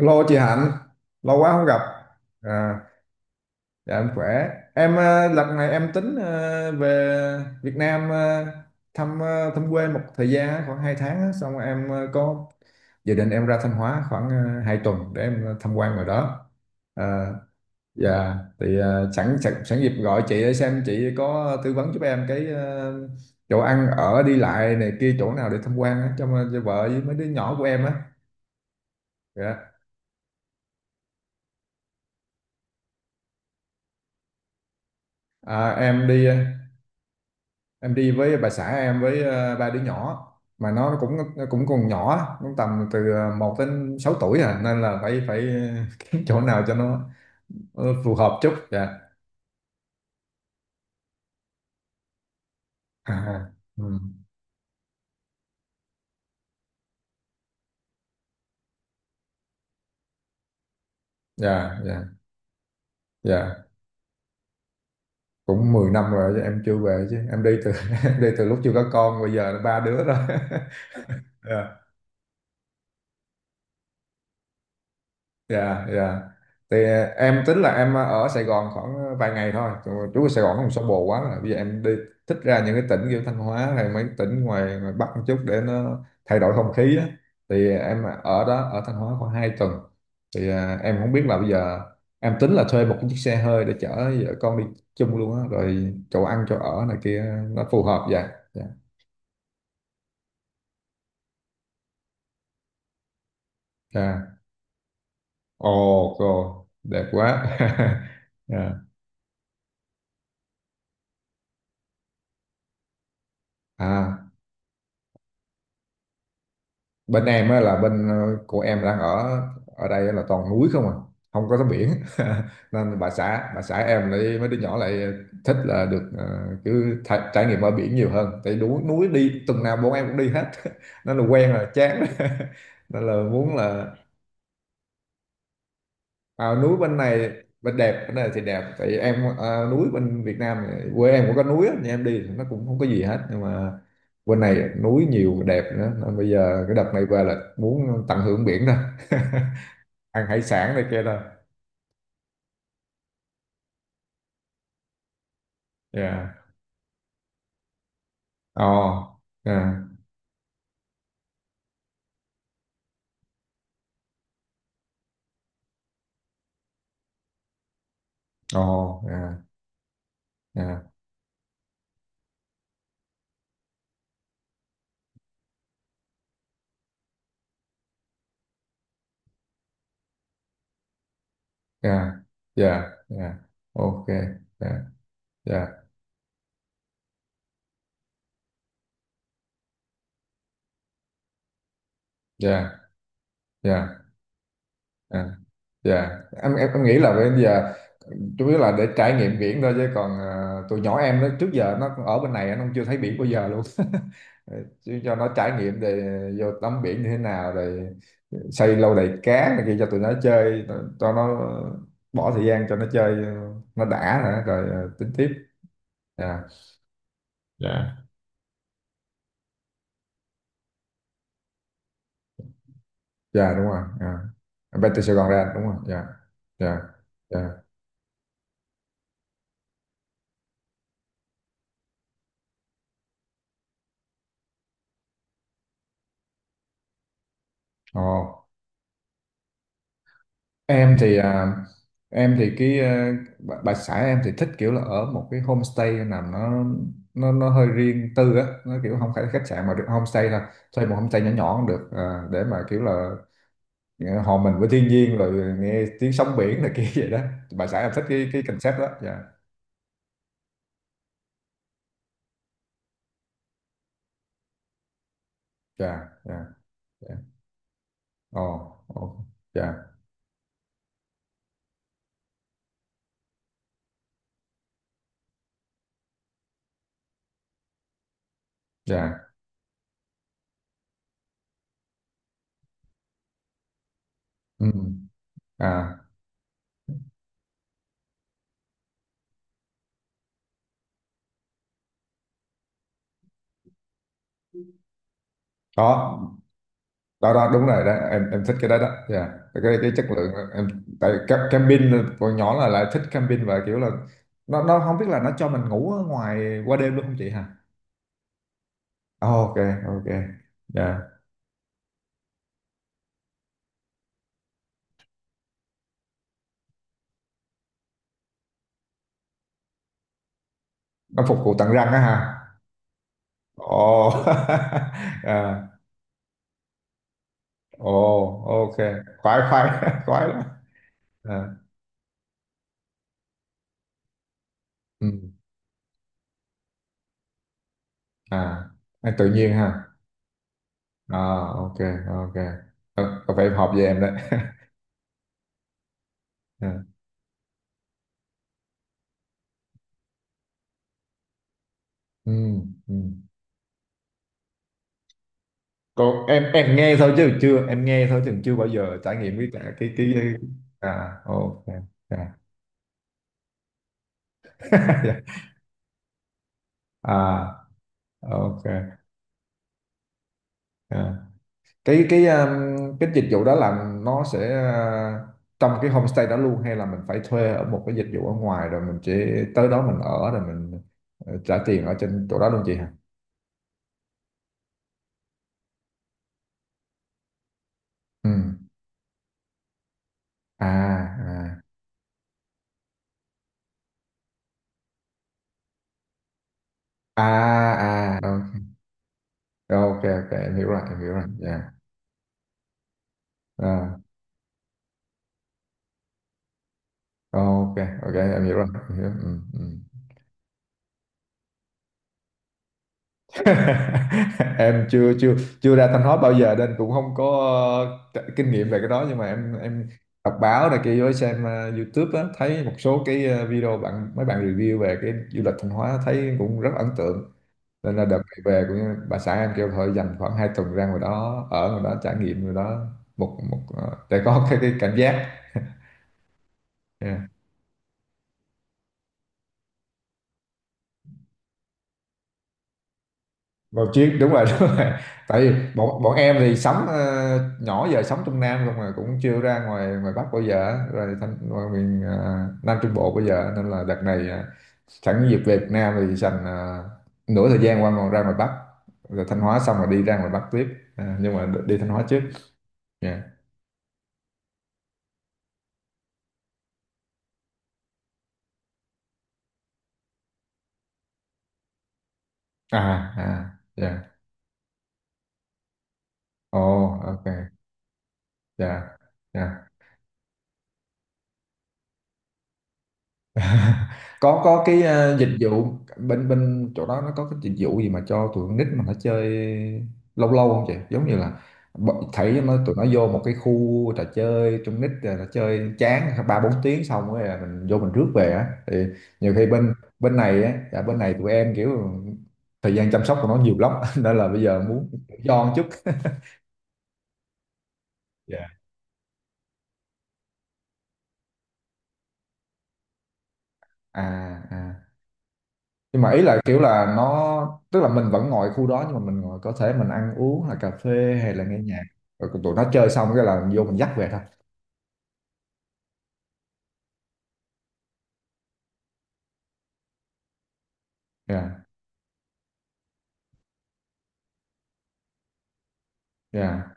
Alo chị Hạnh, lâu quá không gặp. À, dạ em khỏe. Em lần này em tính về Việt Nam thăm quê một thời gian á, khoảng 2 tháng á. Xong rồi em có dự định em ra Thanh Hóa khoảng 2 tuần để em tham quan ngoài đó. À, dạ thì sẵn sẵn sẵn dịp gọi chị để xem chị có tư vấn giúp em cái chỗ ăn ở đi lại này kia chỗ nào để tham quan á cho vợ với mấy đứa nhỏ của em á. Dạ. À, em đi với bà xã em với ba đứa nhỏ mà nó cũng còn nhỏ cũng tầm từ 1 đến 6 tuổi à, nên là phải phải kiếm chỗ nào cho nó phù hợp chút dạ. À, à. Ừ. Dạ, dạ, dạ, cũng 10 năm rồi chứ em chưa về chứ em đi từ em đi từ lúc chưa có con bây giờ là ba đứa rồi. Dạ, dạ. Thì em tính là em ở Sài Gòn khoảng vài ngày thôi. Chú Trú ở Sài Gòn không sao bồ quá rồi. Bây giờ em đi thích ra những cái tỉnh kiểu Thanh Hóa hay mấy tỉnh ngoài Bắc một chút để nó thay đổi không khí á. Thì em ở đó ở Thanh Hóa khoảng 2 tuần. Thì em không biết là bây giờ em tính là thuê một cái chiếc xe hơi để chở vợ con đi chung luôn á, rồi chỗ ăn chỗ ở này kia nó phù hợp vậy. Dạ. Dạ. Ồ, cô, đẹp quá. Dạ. À. Bên em á là bên của em đang ở, ở đây là toàn núi không à, không có tắm biển. Nên bà xã em lại mấy đứa nhỏ lại thích là được cứ trải nghiệm ở biển nhiều hơn, tại núi núi đi tuần nào bọn em cũng đi hết. Nên là quen rồi chán. Nên là muốn là. À, núi bên này, bên đẹp bên này thì đẹp tại vì em, núi bên Việt Nam này, quê em cũng có núi á, nhưng em đi thì nó cũng không có gì hết, nhưng mà bên này núi nhiều đẹp nữa nên bây giờ cái đợt này về là muốn tận hưởng biển đó. Ăn hải sản này kia đó. Yeah. Oh. Yeah. Oh. Yeah, yeah, yeah, yeah, yeah, ok, yeah, yeah, yeah, yeah, yeah. Dạ, em nghĩ là bây giờ chủ yếu là để trải nghiệm biển thôi chứ còn, tụi nhỏ em nó trước giờ nó ở bên này nó chưa thấy biển bao giờ luôn. Chứ cho nó trải nghiệm để vô tắm biển như thế nào rồi xây lâu đài cá này kia cho tụi nó chơi, cho nó bỏ thời gian cho nó chơi, nó đã nữa rồi à, tính tiếp. Dạ. Dạ. Dạ đúng rồi. Dạ. Em bay từ Sài Gòn ra đúng rồi. Dạ. Dạ. Dạ. Ồ. Em thì, em thì cái à, bà xã em thì thích kiểu là ở một cái homestay nào nó hơi riêng tư á, nó kiểu không phải là khách sạn mà được homestay, là thuê một homestay nhỏ nhỏ cũng được, để mà kiểu là, hòa mình với thiên nhiên rồi nghe tiếng sóng biển này kia vậy đó, bà xã em thích cái concept đó dạ. Dạ, dạ, dạ. Ồ, ồ. Dạ, dạ. Ừ. À, có đó, đó đúng rồi đó, em thích cái đó đó. Yeah. Cái chất lượng em, tại camping còn nhỏ là lại thích camping và kiểu là nó không biết là nó cho mình ngủ ở ngoài qua đêm luôn không chị hả. Ờ, ok, ok. Yeah. Nó phục vụ tận răng á hả? Ồ. À, ồ, ok. Khoái, khoái. Khoái lắm. À, ừ. À, anh tự nhiên ha. À, ok, ok. Ờ, có phải em hợp với em đấy. À, ừ, ừ. Còn em nghe thôi chứ chưa, em nghe thôi chứ chưa bao giờ trải nghiệm cái, cả cái. À, ok. À. À, ok. À. Cái, cái dịch vụ đó là nó sẽ, trong cái homestay đó luôn hay là mình phải thuê ở một cái dịch vụ ở ngoài rồi mình chỉ tới đó mình ở rồi mình trả tiền ở trên chỗ đó luôn chị hả? Ừ. À, à, à, à, ok, ok, ok, em hiểu rồi, em hiểu rồi dạ. À, ok, ok, em hiểu rồi em hiểu. Ừ, ừ. Em chưa chưa chưa ra Thanh Hóa bao giờ nên cũng không có, kinh nghiệm về cái đó, nhưng mà em đọc báo này kia với xem YouTube á, thấy một số cái video mấy bạn review về cái du lịch Thanh Hóa thấy cũng rất ấn tượng, nên là đợt này về cũng bà xã em kêu thôi dành khoảng 2 tuần ra ngoài đó ở ngoài đó trải nghiệm ngoài đó, một một ờ, để có cái cảm giác. Yeah. Vào chiếc đúng rồi. Đúng rồi. Tại vì bọn bọn em thì sống, nhỏ giờ sống trong Nam không mà cũng chưa ra ngoài ngoài Bắc bao giờ á, rồi thành ngoài miền, Nam Trung Bộ bao giờ nên là đợt này, sẵn dịp về Việt Nam thì dành, nửa thời gian qua còn ra ngoài Bắc, rồi Thanh Hóa xong rồi đi ra ngoài Bắc tiếp, à, nhưng mà đi Thanh Hóa trước. Yeah. À. À. Dạ. Oh, ok. Dạ, dạ. Có, cái dịch vụ bên bên chỗ đó nó có cái dịch vụ gì mà cho tụi con nít mà nó chơi lâu lâu không chị, giống như là thấy nó, tụi nó vô một cái khu trò chơi trong nít rồi nó chơi chán 3 4 tiếng xong rồi là mình vô mình rước về á thì nhiều khi bên bên này á, dạ, bên này tụi em kiểu thời gian chăm sóc của nó nhiều lắm nên là bây giờ muốn tự do một chút. Dạ. À, à. Nhưng mà ý là kiểu là nó, tức là mình vẫn ngồi khu đó nhưng mà mình ngồi có thể mình ăn uống là cà phê hay là nghe nhạc, rồi tụi nó chơi xong cái là vô mình dắt về thôi. Yeah, yeah,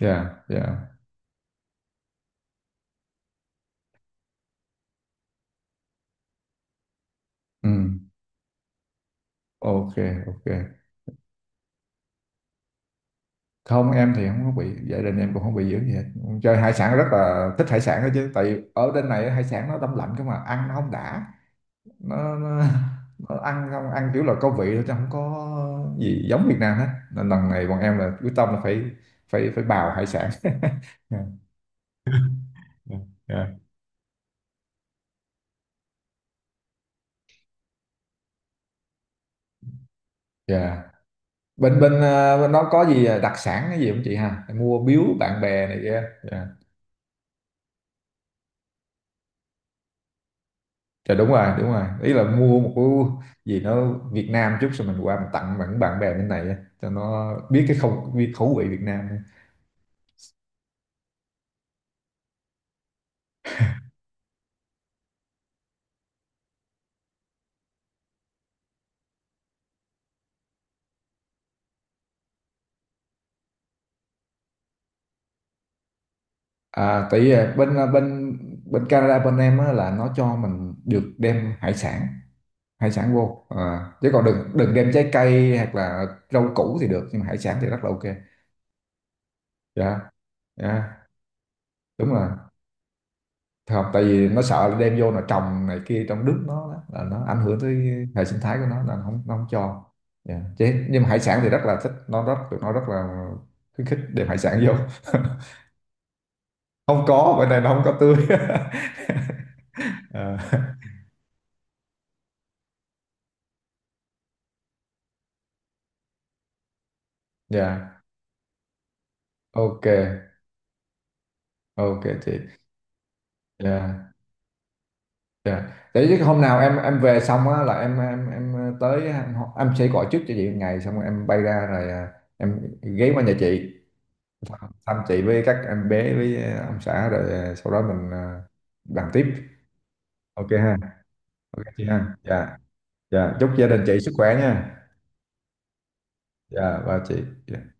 yeah, yeah. Ừ. Ok, ok. Không, em thì không có bị, gia đình em cũng không bị dữ gì hết, chơi hải sản rất là thích hải sản đó chứ, tại vì ở bên này hải sản nó đông lạnh cơ mà ăn nó không đã, nó, nó, nó ăn không, ăn kiểu là có vị thôi chứ không có gì giống Việt Nam hết, nên lần này bọn em là quyết tâm là phải phải phải bào hải sản. Dạ. Dạ. Dạ. Bên Bên bên đó có gì đặc sản cái gì không chị ha? Mua biếu bạn bè này kia. Dạ. Dạ đúng rồi, đúng rồi. Ý là mua một cái gì nó Việt Nam chút rồi mình qua mình tặng bạn bạn bè bên này á, cho nó biết cái, không biết khẩu vị Việt Nam. À, tại vì bên Canada bên em á, là nó cho mình được đem hải sản vô, à, chứ còn đừng đừng đem trái cây hoặc là rau củ thì được nhưng mà hải sản thì rất là ok. Dạ, dạ, đúng rồi. Không, tại vì nó sợ là đem vô là trồng này kia trong nước nó đó, là nó ảnh hưởng tới hệ sinh thái của nó, là nó không cho. Dạ. Chứ, nhưng mà hải sản thì rất là thích, nó rất, tụi nó rất là khuyến khích đem hải sản vô. Không có, bữa nay nó không có tươi. Ờ, dạ, ok, ok chị, dạ, dạ. Để chứ hôm nào em về xong á là, tới, em sẽ gọi trước cho chị 1 ngày xong rồi em bay ra rồi, à, em ghé qua nhà chị thăm chị với các em bé với ông xã rồi, sau đó mình bàn tiếp. Ok ha. Ok chị ha, dạ. Dạ chúc gia đình chị sức khỏe nha. Dạ và chị.